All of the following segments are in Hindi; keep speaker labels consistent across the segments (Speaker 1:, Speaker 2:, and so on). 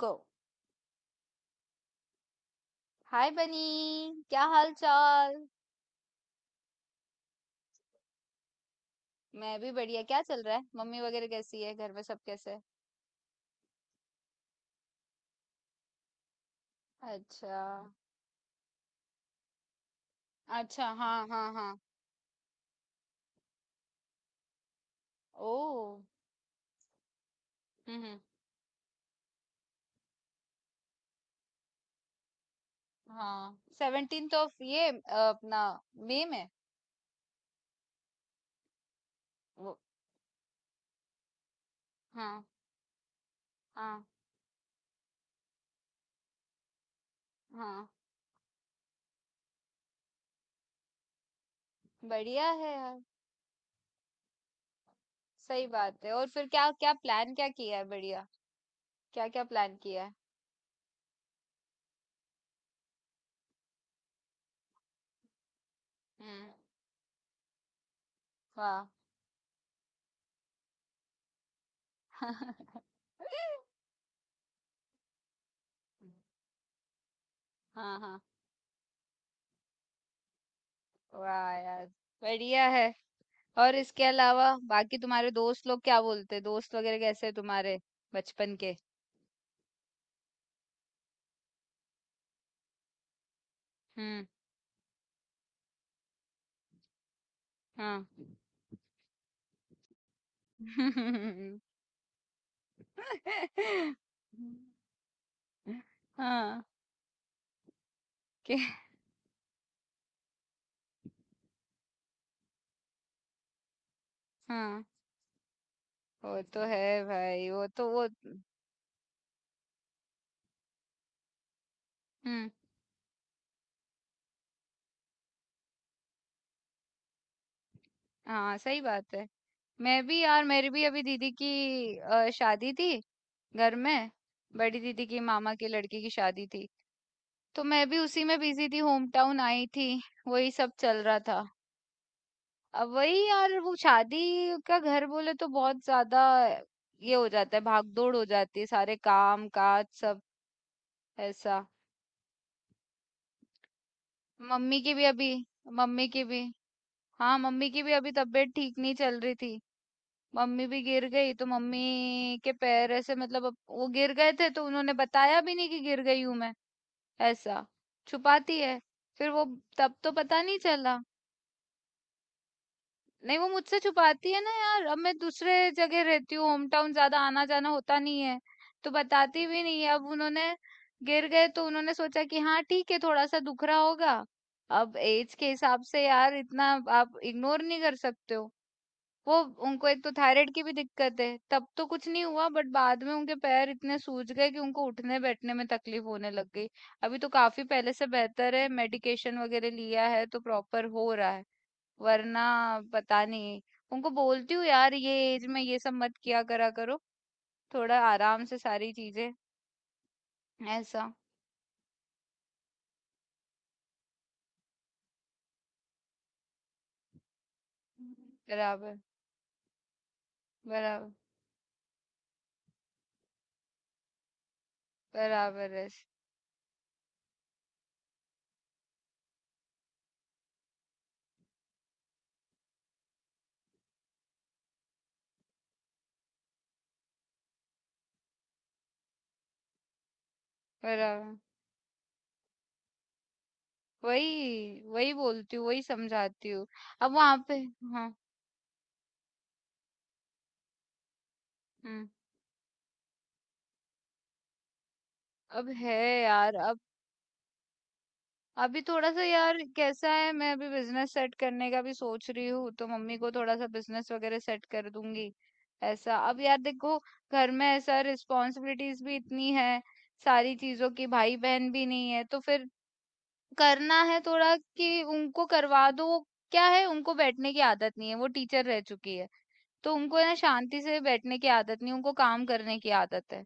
Speaker 1: गो। हाय बनी, क्या हाल चाल? मैं भी बढ़िया। क्या चल रहा है? मम्मी वगैरह कैसी है, घर में सब कैसे हैं? अच्छा, अच्छा। हाँ, हाँ, हाँ। ओ। हम्म, हाँ, 17th ऑफ अपना मई में। वो, हाँ, हाँ, हाँ। बढ़िया है यार। सही बात है। और फिर क्या क्या प्लान, क्या किया है, बढ़िया? क्या क्या प्लान किया है? हम्म। वाह। हाँ, हाँ, वाह यार, बढ़िया है। और इसके अलावा बाकी तुम्हारे दोस्त लोग क्या बोलते, दोस्त वगैरह कैसे हैं तुम्हारे बचपन के? हम्म। हाँ। हाँ, के हाँ। वो तो है भाई, वो तो वो। हम्म। हाँ, सही बात है। मैं भी यार, मेरी भी अभी दीदी की शादी थी घर में। बड़ी दीदी की मामा की लड़की की शादी थी। तो मैं भी उसी में बिजी थी, होम टाउन आई थी। वही सब चल रहा था। अब वही यार, वो शादी का घर बोले तो बहुत ज्यादा ये हो जाता है, भागदौड़ हो जाती है, सारे काम काज सब ऐसा। मम्मी की भी अभी मम्मी की भी हाँ, मम्मी की भी अभी तबीयत ठीक नहीं चल रही थी। मम्मी भी गिर गई, तो मम्मी के पैर ऐसे मतलब अब वो गिर गए थे, तो उन्होंने बताया भी नहीं कि गिर गई हूं मैं। ऐसा छुपाती है, फिर वो तब तो पता नहीं चला। नहीं, वो मुझसे छुपाती है ना यार, अब मैं दूसरे जगह रहती हूँ, होम टाउन ज़्यादा आना-जाना होता नहीं है, तो बताती भी नहीं है। अब उन्होंने गिर गए तो उन्होंने सोचा कि हाँ ठीक है, थोड़ा-सा दुख रहा होगा। अब एज के हिसाब से यार इतना आप इग्नोर नहीं कर सकते हो। वो, उनको एक तो थायराइड की भी दिक्कत है, तब तो कुछ नहीं हुआ, बट बाद में उनके पैर इतने सूज गए कि उनको उठने-बैठने में तकलीफ होने लग गई। अभी तो काफ़ी पहले से बेहतर है, मेडिकेशन वगैरह लिया है तो प्रॉपर हो रहा है। वरना पता नहीं। उनको बोलती हूँ यार, ये एज में ये सब मत किया करा करो, थोड़ा आराम से सारी चीजें, ऐसा। बराबर, बराबर। बराबर है। बराबर। वही वही बोलती हूँ, वही समझाती हूँ। अब वहां पे। हाँ। हम्म। अब है यार, अब। अभी थोड़ा सा यार, कैसा है, मैं अभी बिजनेस सेट करने का भी सोच रही हूँ, तो मम्मी को थोड़ा सा बिजनेस वगैरह सेट कर दूंगी, ऐसा। अब यार देखो, घर में ऐसा रिस्पॉन्सिबिलिटीज भी इतनी है, सारी चीजों की, भाई बहन भी नहीं है तो फिर करना है थोड़ा, कि उनको करवा दो वो। क्या है, उनको बैठने की आदत नहीं है, वो टीचर रह चुकी है। तो उनको ना शांति से बैठने की आदत नहीं, उनको काम करने की आदत है।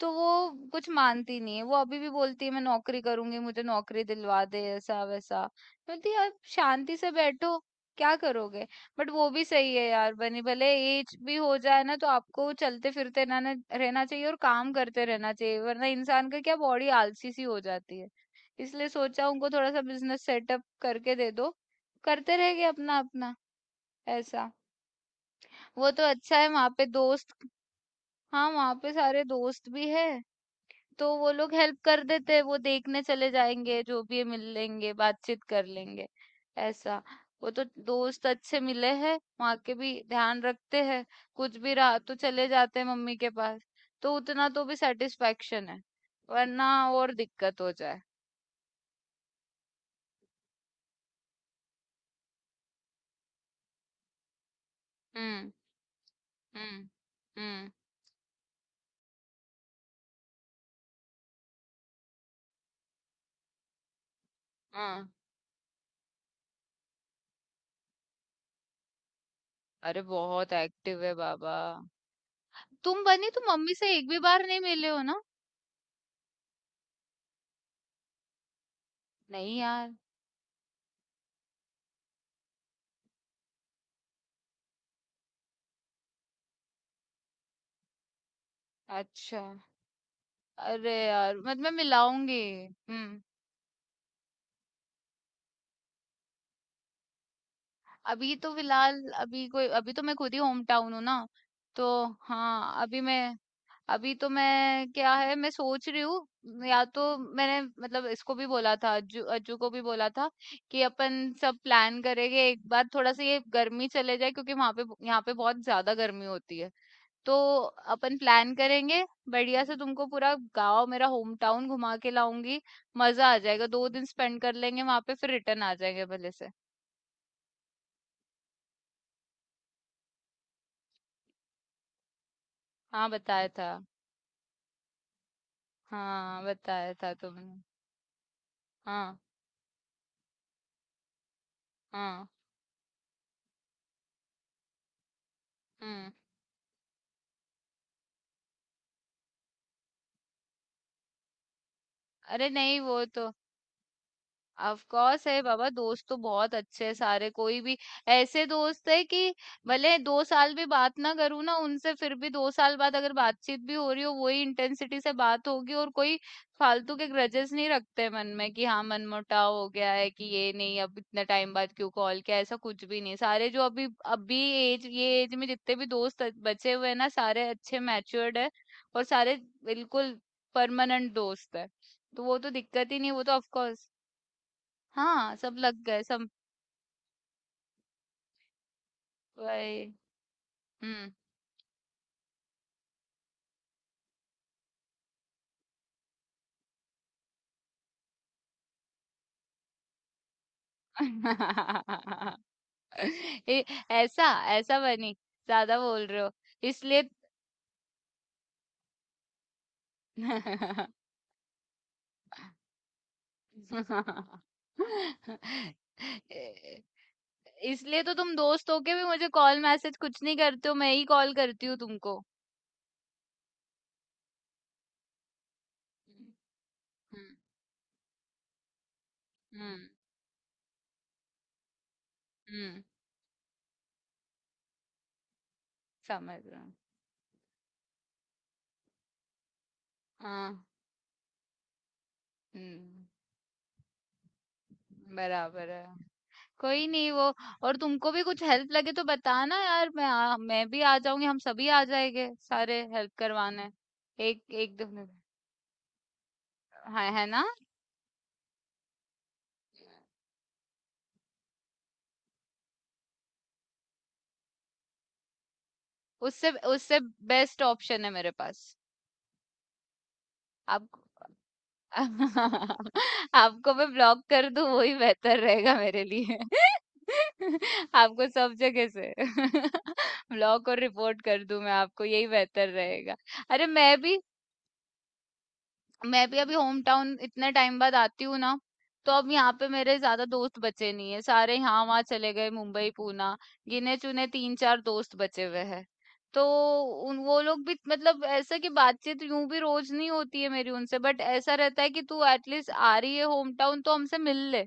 Speaker 1: तो वो कुछ मानती नहीं है। वो अभी भी बोलती है, मैं नौकरी करूँगी, मुझे नौकरी दिलवा दे, ऐसा-वैसा। मैं बोलती यार शांति से बैठो, क्या करोगे? बट वो भी सही है यार बनी, भले एज भी हो जाए ना, तो आपको चलते-फिरते ना ना रहना चाहिए और काम करते रहना चाहिए। वरना इंसान का क्या, बॉडी आलसी सी हो जाती है। इसलिए सोचा उनको थोड़ा-सा बिज़नेस सेटअप करके दे दो। करते रहेंगे अपना-अपना, ऐसा। वो तो अच्छा है, वहाँ पे दोस्त। हाँ, वहाँ पे सारे दोस्त भी है। तो वो लोग हेल्प कर देते, हैं, वो देखने चले जाएँगे, जो भी है मिल लेंगे, बातचीत कर लेंगे, ऐसा। वो तो दोस्त अच्छे मिले हैं, वहाँ के भी ध्यान रखते हैं, कुछ भी रहा तो चले जाते हैं मम्मी के पास। तो उतना तो भी सैटिस्फैक्शन है, वरना और दिक्कत हो जाए। हुँ, हुँ, हुँ, हाँ। अरे बहुत एक्टिव है बाबा। तुम बनी, तुम मम्मी से एक भी बार नहीं मिले हो ना? नहीं यार, अच्छा। अरे यार, मत मैं मिलाऊँगी। हुँ। अभी तो फिलहाल अभी कोई अभी तो मैं खुद ही होम टाउन हूँ ना, तो हाँ। अभी मैं, अभी तो मैं क्या है, मैं सोच रही हूँ, या तो मैंने मतलब इसको भी बोला था, अज्जू, अज्जू को भी बोला था, कि अपन सब प्लान करेंगे एक बार, थोड़ा सा ये गर्मी चले जाए, क्योंकि वहां पे यहाँ पे बहुत ज्यादा गर्मी होती है, तो अपन प्लान करेंगे बढ़िया से, तुमको पूरा गांव, मेरा होम टाउन घुमा के लाऊंगी, मजा आ जाएगा, 2 दिन स्पेंड कर लेंगे वहां पे, फिर रिटर्न आ जाएंगे भले से। हाँ बताया था, हाँ, बताया था तुमने। हाँ, हाँ। हुँ। अरे नहीं, वो तो ऑफ कोर्स है बाबा, दोस्त तो बहुत अच्छे हैं सारे, कोई भी ऐसे दोस्त है कि भले 2 साल भी बात ना करूं ना उनसे, फिर भी 2 साल बाद अगर बातचीत भी हो रही हो, वही इंटेंसिटी से बात होगी। और कोई फालतू के ग्रजेस नहीं रखते मन में, कि हाँ मनमुटाव हो गया है, कि ये नहीं अब इतने टाइम बाद क्यों कॉल किया, ऐसा कुछ भी नहीं। सारे जो अभी अभी एज में जितने भी दोस्त बचे हुए हैं ना, सारे अच्छे मैच्योर्ड है और सारे बिल्कुल परमानेंट दोस्त है। तो वो तो दिक्कत ही नहीं, वो तो ऑफ कोर्स। हाँ सब लग गए, सब गए। हम्म। ए, ऐसा, ऐसा बनी, ज्यादा बोल रहे हो, इसलिए। ए, इसलिए तो तुम दोस्त होके भी मुझे कॉल मैसेज कुछ नहीं करते हो, मैं ही कॉल करती हूँ तुमको। हम्म, हम्म, हम्म। समझ रहा हूँ। हाँ। हम्म। बराबर है। कोई नहीं, वो। और तुमको भी कुछ हेल्प लगे तो बताना यार, मैं भी आ जाऊंगी, हम सभी आ जाएंगे सारे हेल्प करवाने। एक एक दो मिनट। हाँ है ना। उससे उससे बेस्ट ऑप्शन है मेरे पास। आप। आपको मैं ब्लॉक कर दूं, वही बेहतर रहेगा मेरे लिए। आपको सब जगह से ब्लॉक और रिपोर्ट कर दूं मैं आपको, यही बेहतर रहेगा। अरे मैं भी अभी होम टाउन इतने टाइम बाद आती हूँ ना, तो अब यहाँ पे मेरे ज्यादा दोस्त बचे नहीं है, सारे यहाँ वहाँ चले गए, मुंबई, पूना। गिने चुने तीन चार दोस्त बचे हुए हैं। तो उन वो लोग भी मतलब ऐसा कि बातचीत यूं भी रोज नहीं होती है मेरी उनसे, बट ऐसा रहता है कि तू एटलीस्ट आ रही है होम टाउन तो हमसे मिल ले।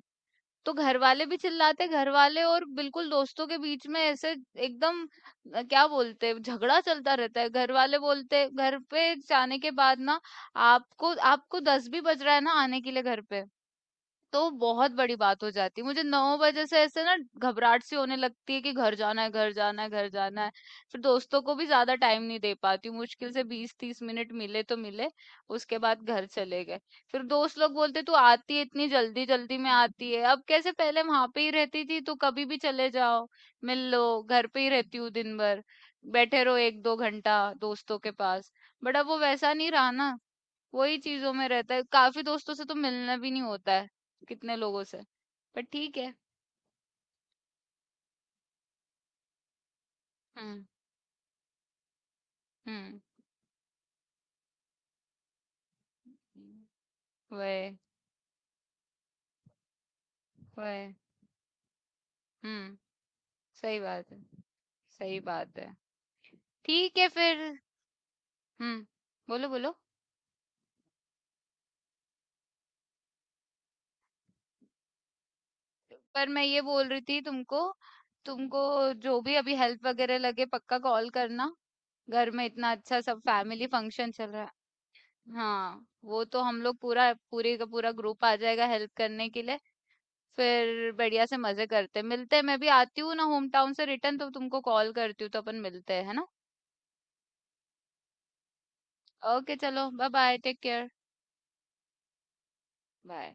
Speaker 1: तो घरवाले भी चिल्लाते, घरवाले और बिल्कुल दोस्तों के बीच में ऐसे एकदम क्या बोलते हैं, झगड़ा चलता रहता है। घरवाले बोलते घर पे जाने के बाद ना, आपको आपको 10 भी बज रहा है ना आने के लिए घर पे, तो बहुत बड़ी बात हो जाती है। मुझे 9 बजे से ऐसे ना घबराहट सी होने लगती है कि घर जाना है, घर जाना है, घर जाना है। फिर दोस्तों को भी ज्यादा टाइम नहीं दे पाती हूँ, मुश्किल से 20 30 मिनट मिले तो मिले, उसके बाद घर चले गए। फिर दोस्त लोग बोलते तू आती है इतनी जल्दी, जल्दी में आती है, अब कैसे, पहले वहां पे ही रहती थी तो कभी भी चले जाओ मिल लो, घर पे ही रहती हूँ दिन भर, बैठे रहो एक दो घंटा दोस्तों के पास, बट अब वो वैसा नहीं रहा ना, वही चीजों में रहता है, काफी दोस्तों से तो मिलना भी नहीं होता है, कितने लोगों से, पर ठीक है। हम्म, हम्म, वही वही। हम्म। सही बात है। सही बात है। ठीक है फिर। हम्म, बोलो बोलो। पर मैं ये बोल रही थी तुमको, तुमको जो भी अभी हेल्प वगैरह लगे पक्का कॉल करना। घर में इतना अच्छा सब फैमिली फंक्शन चल रहा है। हाँ वो तो हम लोग पूरा, पूरे का पूरा ग्रुप आ जाएगा हेल्प करने के लिए। फिर बढ़िया से मजे करते हैं। मिलते हैं, मैं भी आती हूँ ना होम टाउन से रिटर्न, तो तुमको कॉल करती हूँ, तो अपन मिलते हैं है ना। ओके, चलो, bye, bye, take care, bye.